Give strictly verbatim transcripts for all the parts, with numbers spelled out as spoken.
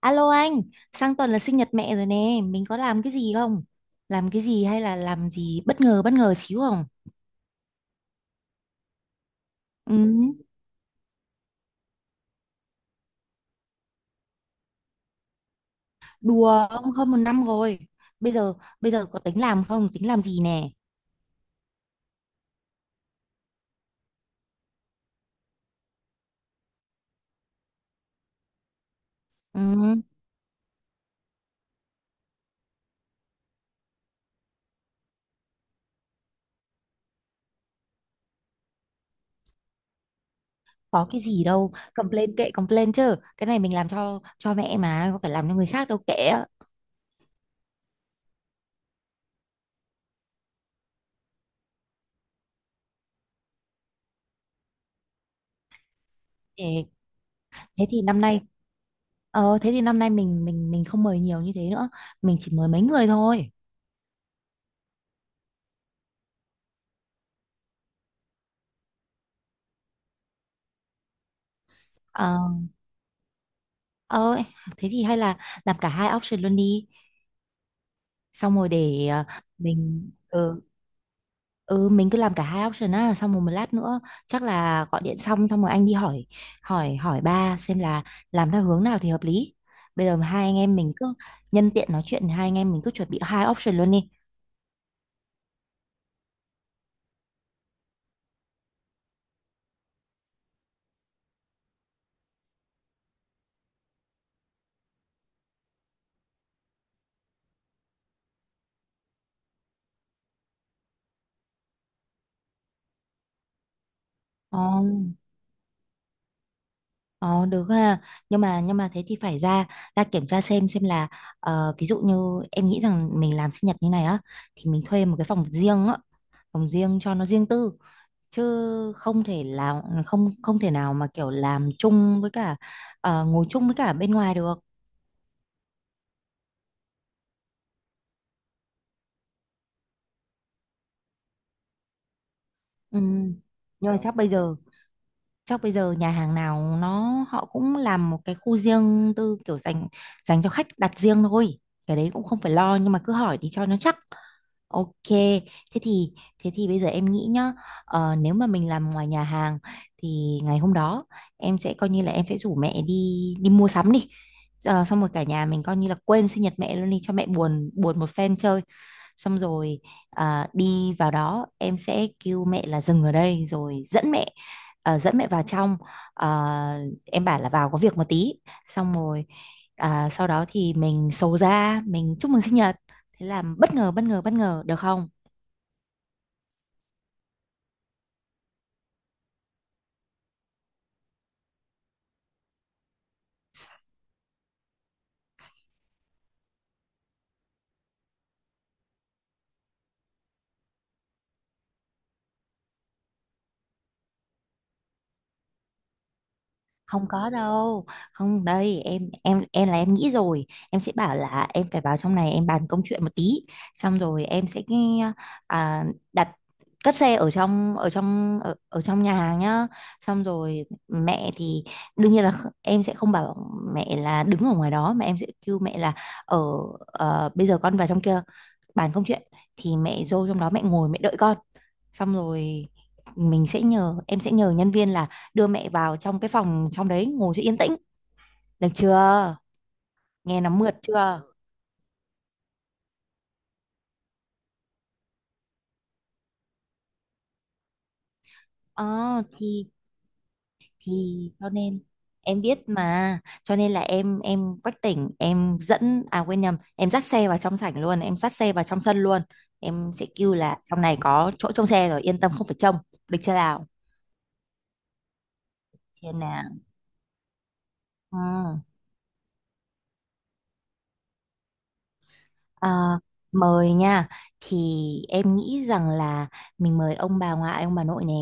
Alo anh, sang tuần là sinh nhật mẹ rồi nè, mình có làm cái gì không? Làm cái gì hay là làm gì bất ngờ bất ngờ xíu không? Ừ, đùa ông hơn một năm rồi. Bây giờ bây giờ có tính làm không? Tính làm gì nè? Ừ, có cái gì đâu, complain kệ complain chứ. Cái này mình làm cho cho mẹ mà, có phải làm cho người khác đâu kệ. Thế, thế thì năm nay ờ thế thì năm nay mình mình mình không mời nhiều như thế nữa, mình chỉ mời mấy người thôi. Ờ ờ Thế thì hay là làm cả hai option luôn đi. Xong rồi để ờ, mình ừ, ừ mình cứ làm cả hai option á, xong rồi một lát nữa chắc là gọi điện xong xong rồi anh đi hỏi hỏi hỏi ba xem là làm theo hướng nào thì hợp lý. Bây giờ hai anh em mình cứ nhân tiện nói chuyện, hai anh em mình cứ chuẩn bị hai option luôn đi. Ồ. Ờ được ha. Nhưng mà nhưng mà thế thì phải ra, ra kiểm tra xem xem là ờ, ví dụ như em nghĩ rằng mình làm sinh nhật như này á, thì mình thuê một cái phòng riêng á, phòng riêng cho nó riêng tư, chứ không thể là không không thể nào mà kiểu làm chung với cả ờ, ngồi chung với cả bên ngoài được. Ừ. Nhưng mà chắc bây giờ chắc bây giờ nhà hàng nào nó họ cũng làm một cái khu riêng tư kiểu dành dành cho khách đặt riêng thôi. Cái đấy cũng không phải lo nhưng mà cứ hỏi đi cho nó chắc. Ok, thế thì thế thì bây giờ em nghĩ nhá, ờ, nếu mà mình làm ngoài nhà hàng thì ngày hôm đó em sẽ coi như là em sẽ rủ mẹ đi đi mua sắm đi. Ờ, xong rồi cả nhà mình coi như là quên sinh nhật mẹ luôn đi, cho mẹ buồn buồn một phen chơi, xong rồi à, đi vào đó em sẽ kêu mẹ là dừng ở đây rồi dẫn mẹ à, dẫn mẹ vào trong. À, em bảo là vào có việc một tí, xong rồi à, sau đó thì mình sầu ra mình chúc mừng sinh nhật, thế là bất ngờ bất ngờ bất ngờ, được không? Không có đâu, không đây em em em là em nghĩ rồi, em sẽ bảo là em phải vào trong này em bàn công chuyện một tí, xong rồi em sẽ cái, à, đặt cất xe ở trong ở trong ở, ở trong nhà hàng nhá. Xong rồi mẹ thì đương nhiên là kh- em sẽ không bảo mẹ là đứng ở ngoài đó mà em sẽ kêu mẹ là ở ờ, bây giờ con vào trong kia bàn công chuyện, thì mẹ vô trong đó mẹ ngồi mẹ đợi con, xong rồi mình sẽ nhờ em sẽ nhờ nhân viên là đưa mẹ vào trong cái phòng trong đấy ngồi cho yên tĩnh, được chưa, nghe nó mượt chưa. Ờ thì thì cho nên em biết mà cho nên là em em quách tỉnh em dẫn à quên nhầm em dắt xe vào trong sảnh luôn em dắt xe vào trong sân luôn, em sẽ kêu là trong này có chỗ trông xe rồi, yên tâm không phải trông, được chưa nào. Thiên nào, ừ. Ờ, mời nha, thì em nghĩ rằng là mình mời ông bà ngoại ông bà nội nè,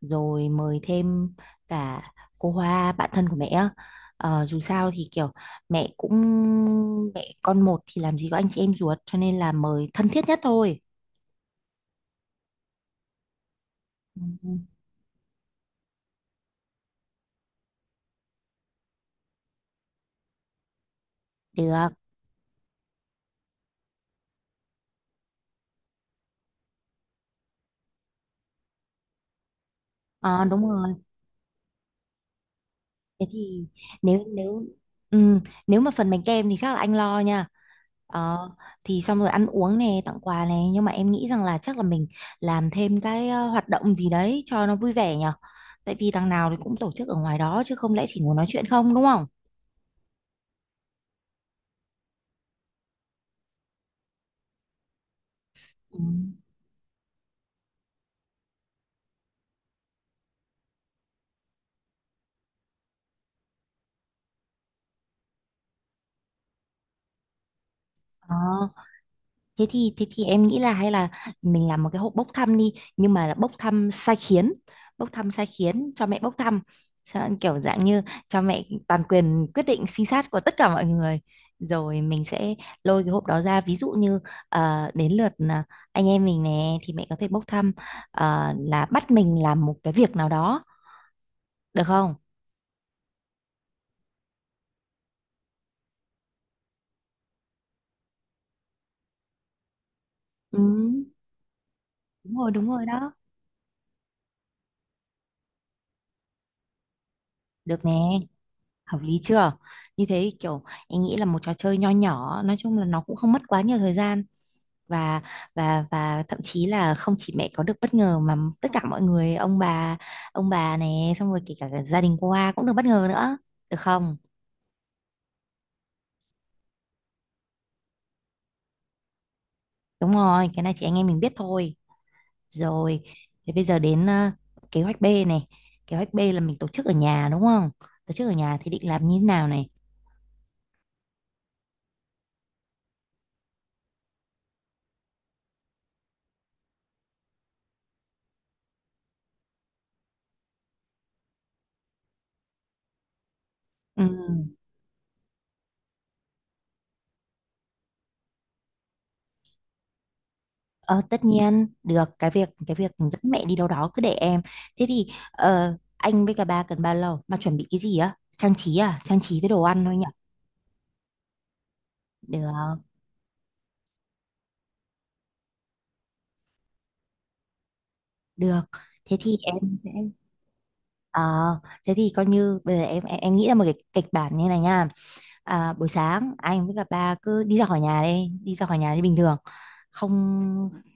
rồi mời thêm cả cô Hoa bạn thân của mẹ á. Ờ, dù sao thì kiểu mẹ cũng mẹ con một thì làm gì có anh chị em ruột, cho nên là mời thân thiết nhất thôi. Ừ. Được. Ờ, đúng rồi. Thế thì nếu nếu ừm, nếu mà phần bánh kem thì chắc là anh lo nha. Ờ, thì xong rồi ăn uống này, tặng quà này, nhưng mà em nghĩ rằng là chắc là mình làm thêm cái ờ, hoạt động gì đấy cho nó vui vẻ nhở. Tại vì đằng nào thì cũng tổ chức ở ngoài đó, chứ không lẽ chỉ ngồi nói chuyện không đúng không? Ừ. Ờ. Thế thì thế thì em nghĩ là hay là mình làm một cái hộp bốc thăm đi, nhưng mà là bốc thăm sai khiến, bốc thăm sai khiến cho mẹ bốc thăm. Cho- kiểu dạng như cho mẹ toàn quyền quyết định sinh sát của tất cả mọi người, rồi mình sẽ lôi cái hộp đó ra, ví dụ như ờ, đến lượt à, anh em mình nè thì mẹ có thể bốc thăm ờ, là bắt mình làm một cái việc nào đó, được không? Ừ, đúng rồi đúng rồi đó, được nè, hợp lý chưa. Như thế thì kiểu em nghĩ là một trò chơi nho nhỏ, nói chung là nó cũng không mất quá nhiều thời gian, và và và thậm chí là không chỉ mẹ có được bất ngờ mà tất cả mọi người, ông bà ông bà này, xong rồi kể cả gia đình qua cũng được bất ngờ nữa, được không. Đúng rồi, cái này chị anh em mình biết thôi. Rồi, thế bây giờ đến ờ, kế hoạch B này, kế hoạch B là mình tổ chức ở nhà đúng không, tổ chức ở nhà thì định làm như thế nào này. Ừ. Ờ, tất nhiên được, cái việc cái việc dẫn mẹ đi đâu đó cứ để em. Thế thì ờ, anh với cả ba cần bao lâu mà chuẩn bị cái gì á, trang trí à trang trí với đồ ăn thôi nhỉ. Được, được, thế thì em sẽ ờ, thế thì coi như bây giờ em em, em nghĩ ra một cái kịch bản như này nha. À, buổi sáng anh với cả ba cứ đi ra khỏi nhà, đi đi ra khỏi nhà như bình thường, không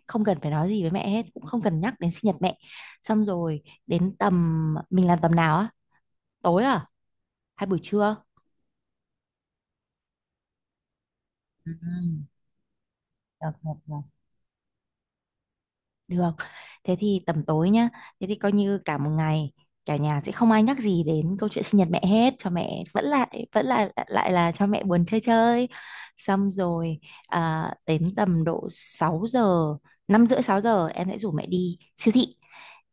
không cần phải nói gì với mẹ hết, cũng không cần nhắc đến sinh nhật mẹ. Xong rồi đến tầm, mình làm tầm nào á, tối à hay buổi trưa. Ừ. Được, được, được. Được. Thế thì tầm tối nhá. Thế thì coi như cả một ngày cả nhà sẽ không ai nhắc gì đến câu chuyện sinh nhật mẹ hết, cho mẹ vẫn lại vẫn lại lại là cho mẹ buồn chơi chơi. Xong rồi à, đến tầm độ sáu giờ, năm rưỡi sáu giờ em sẽ rủ mẹ đi siêu thị.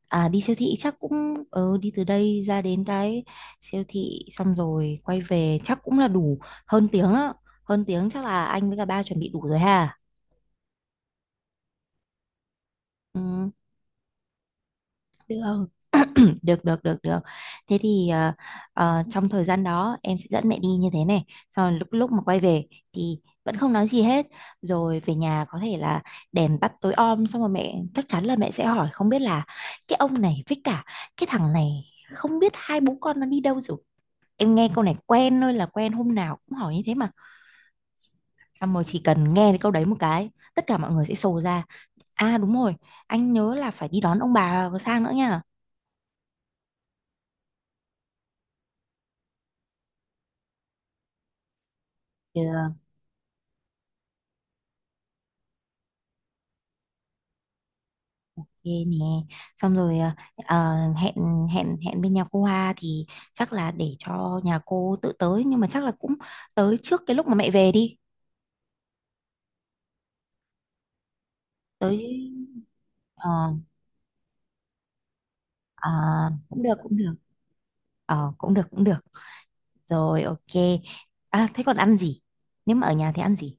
À, đi siêu thị chắc cũng ừ, đi từ đây ra đến cái siêu thị xong rồi quay về chắc cũng là đủ hơn tiếng á. Hơn tiếng chắc là anh với cả ba chuẩn bị đủ rồi ha. Ừ. Được. Được được được được. Thế thì ờ, ờ, trong thời gian đó em sẽ dẫn mẹ đi như thế này. Sau lúc lúc mà quay về thì vẫn không nói gì hết. Rồi về nhà có thể là đèn tắt tối om, xong rồi mẹ chắc chắn là mẹ sẽ hỏi không biết là cái ông này với cả cái thằng này, không biết hai bố con nó đi đâu rồi. Em nghe câu này quen thôi là quen, hôm nào cũng hỏi như thế mà. Xong rồi chỉ cần nghe cái câu đấy một cái, tất cả mọi người sẽ sồ ra. À đúng rồi, anh nhớ là phải đi đón ông bà sang nữa nha. Được. Ok nè, xong rồi ờ, ờ, hẹn hẹn hẹn bên nhà cô Hoa thì chắc là để cho nhà cô tự tới, nhưng mà chắc là cũng tới trước cái lúc mà mẹ về đi. Tới ờ, ờ, cũng được cũng được. Ờ, cũng được cũng được. Rồi ok, à, thế còn ăn gì, nếu mà ở nhà thì ăn gì.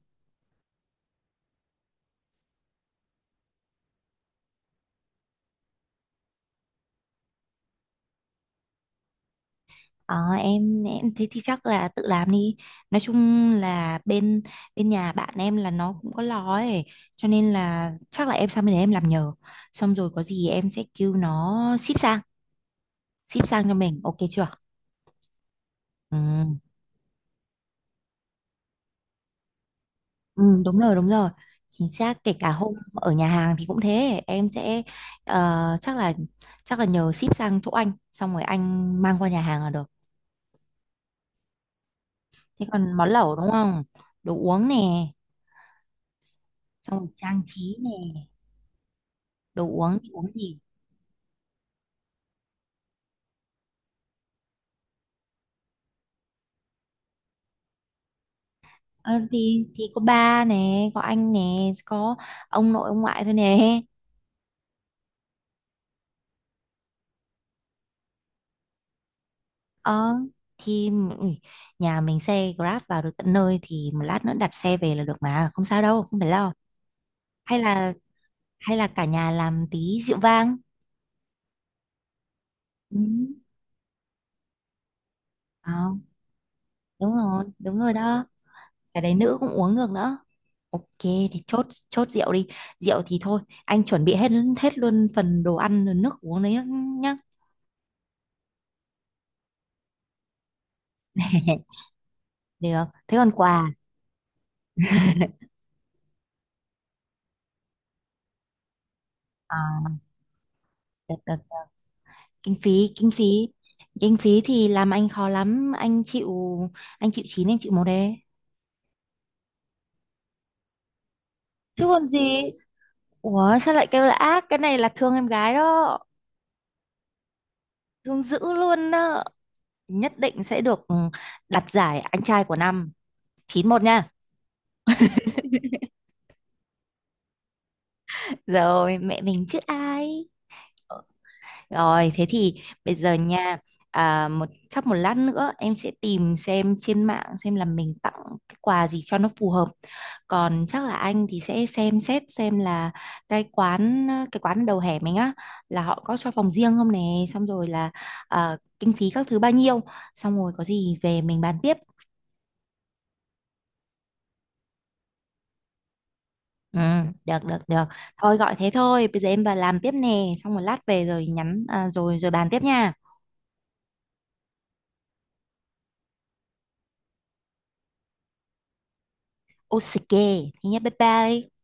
Ờ, em em thế thì chắc là tự làm đi, nói chung là bên bên nhà bạn em là nó cũng có lò ấy, cho nên là chắc là em sang bên đấy em làm nhờ, xong rồi có gì em sẽ kêu nó ship sang, ship sang cho mình ok chưa. Ừ. ừ đúng rồi đúng rồi, chính xác. Kể cả hôm ở nhà hàng thì cũng thế, em sẽ ờ, chắc là chắc là nhờ ship sang chỗ anh, xong rồi anh mang qua nhà hàng là được. Thế còn món lẩu đúng không, đồ uống nè, xong rồi trang trí nè. Đồ uống thì uống gì. Ờ, thì thì có ba nè, có anh nè, có ông nội ông ngoại thôi nè. Ờ thì ui, nhà mình xe Grab vào được tận nơi, thì một lát nữa đặt xe về là được mà, không sao đâu, không phải lo. Hay là hay là cả nhà làm tí rượu vang. Ừ. Ờ, đúng rồi đúng rồi đó, cái đấy nữ cũng uống được nữa. Ok thì chốt chốt rượu đi, rượu thì thôi anh chuẩn bị hết, hết luôn phần đồ ăn rồi nước uống đấy nhá. Được, thế còn quà. À, được, được, được. Kinh phí, kinh phí kinh phí thì làm anh khó lắm, anh chịu, anh chịu chín anh chịu một đấy. Chứ còn gì, ủa sao lại kêu là ác, cái này là thương em gái đó, thương dữ luôn đó, nhất định sẽ được ừ, đặt giải anh trai của năm, chín một nha. Rồi mẹ mình chứ ai. Rồi thế thì bây giờ nha, à, một chắc một lát nữa em sẽ tìm xem trên mạng xem là mình tặng cái quà gì cho nó phù hợp. Còn chắc là anh thì sẽ xem xét xem là cái quán cái quán đầu hẻm mình á, là họ có cho phòng riêng không nè, xong rồi là à, kinh phí các thứ bao nhiêu, xong rồi có gì về mình bàn tiếp. Ừ, được được được. Thôi gọi thế thôi, bây giờ em vào làm tiếp nè, xong một lát về rồi nhắn à, rồi rồi bàn tiếp nha. Ok, thế nhé, bye bye.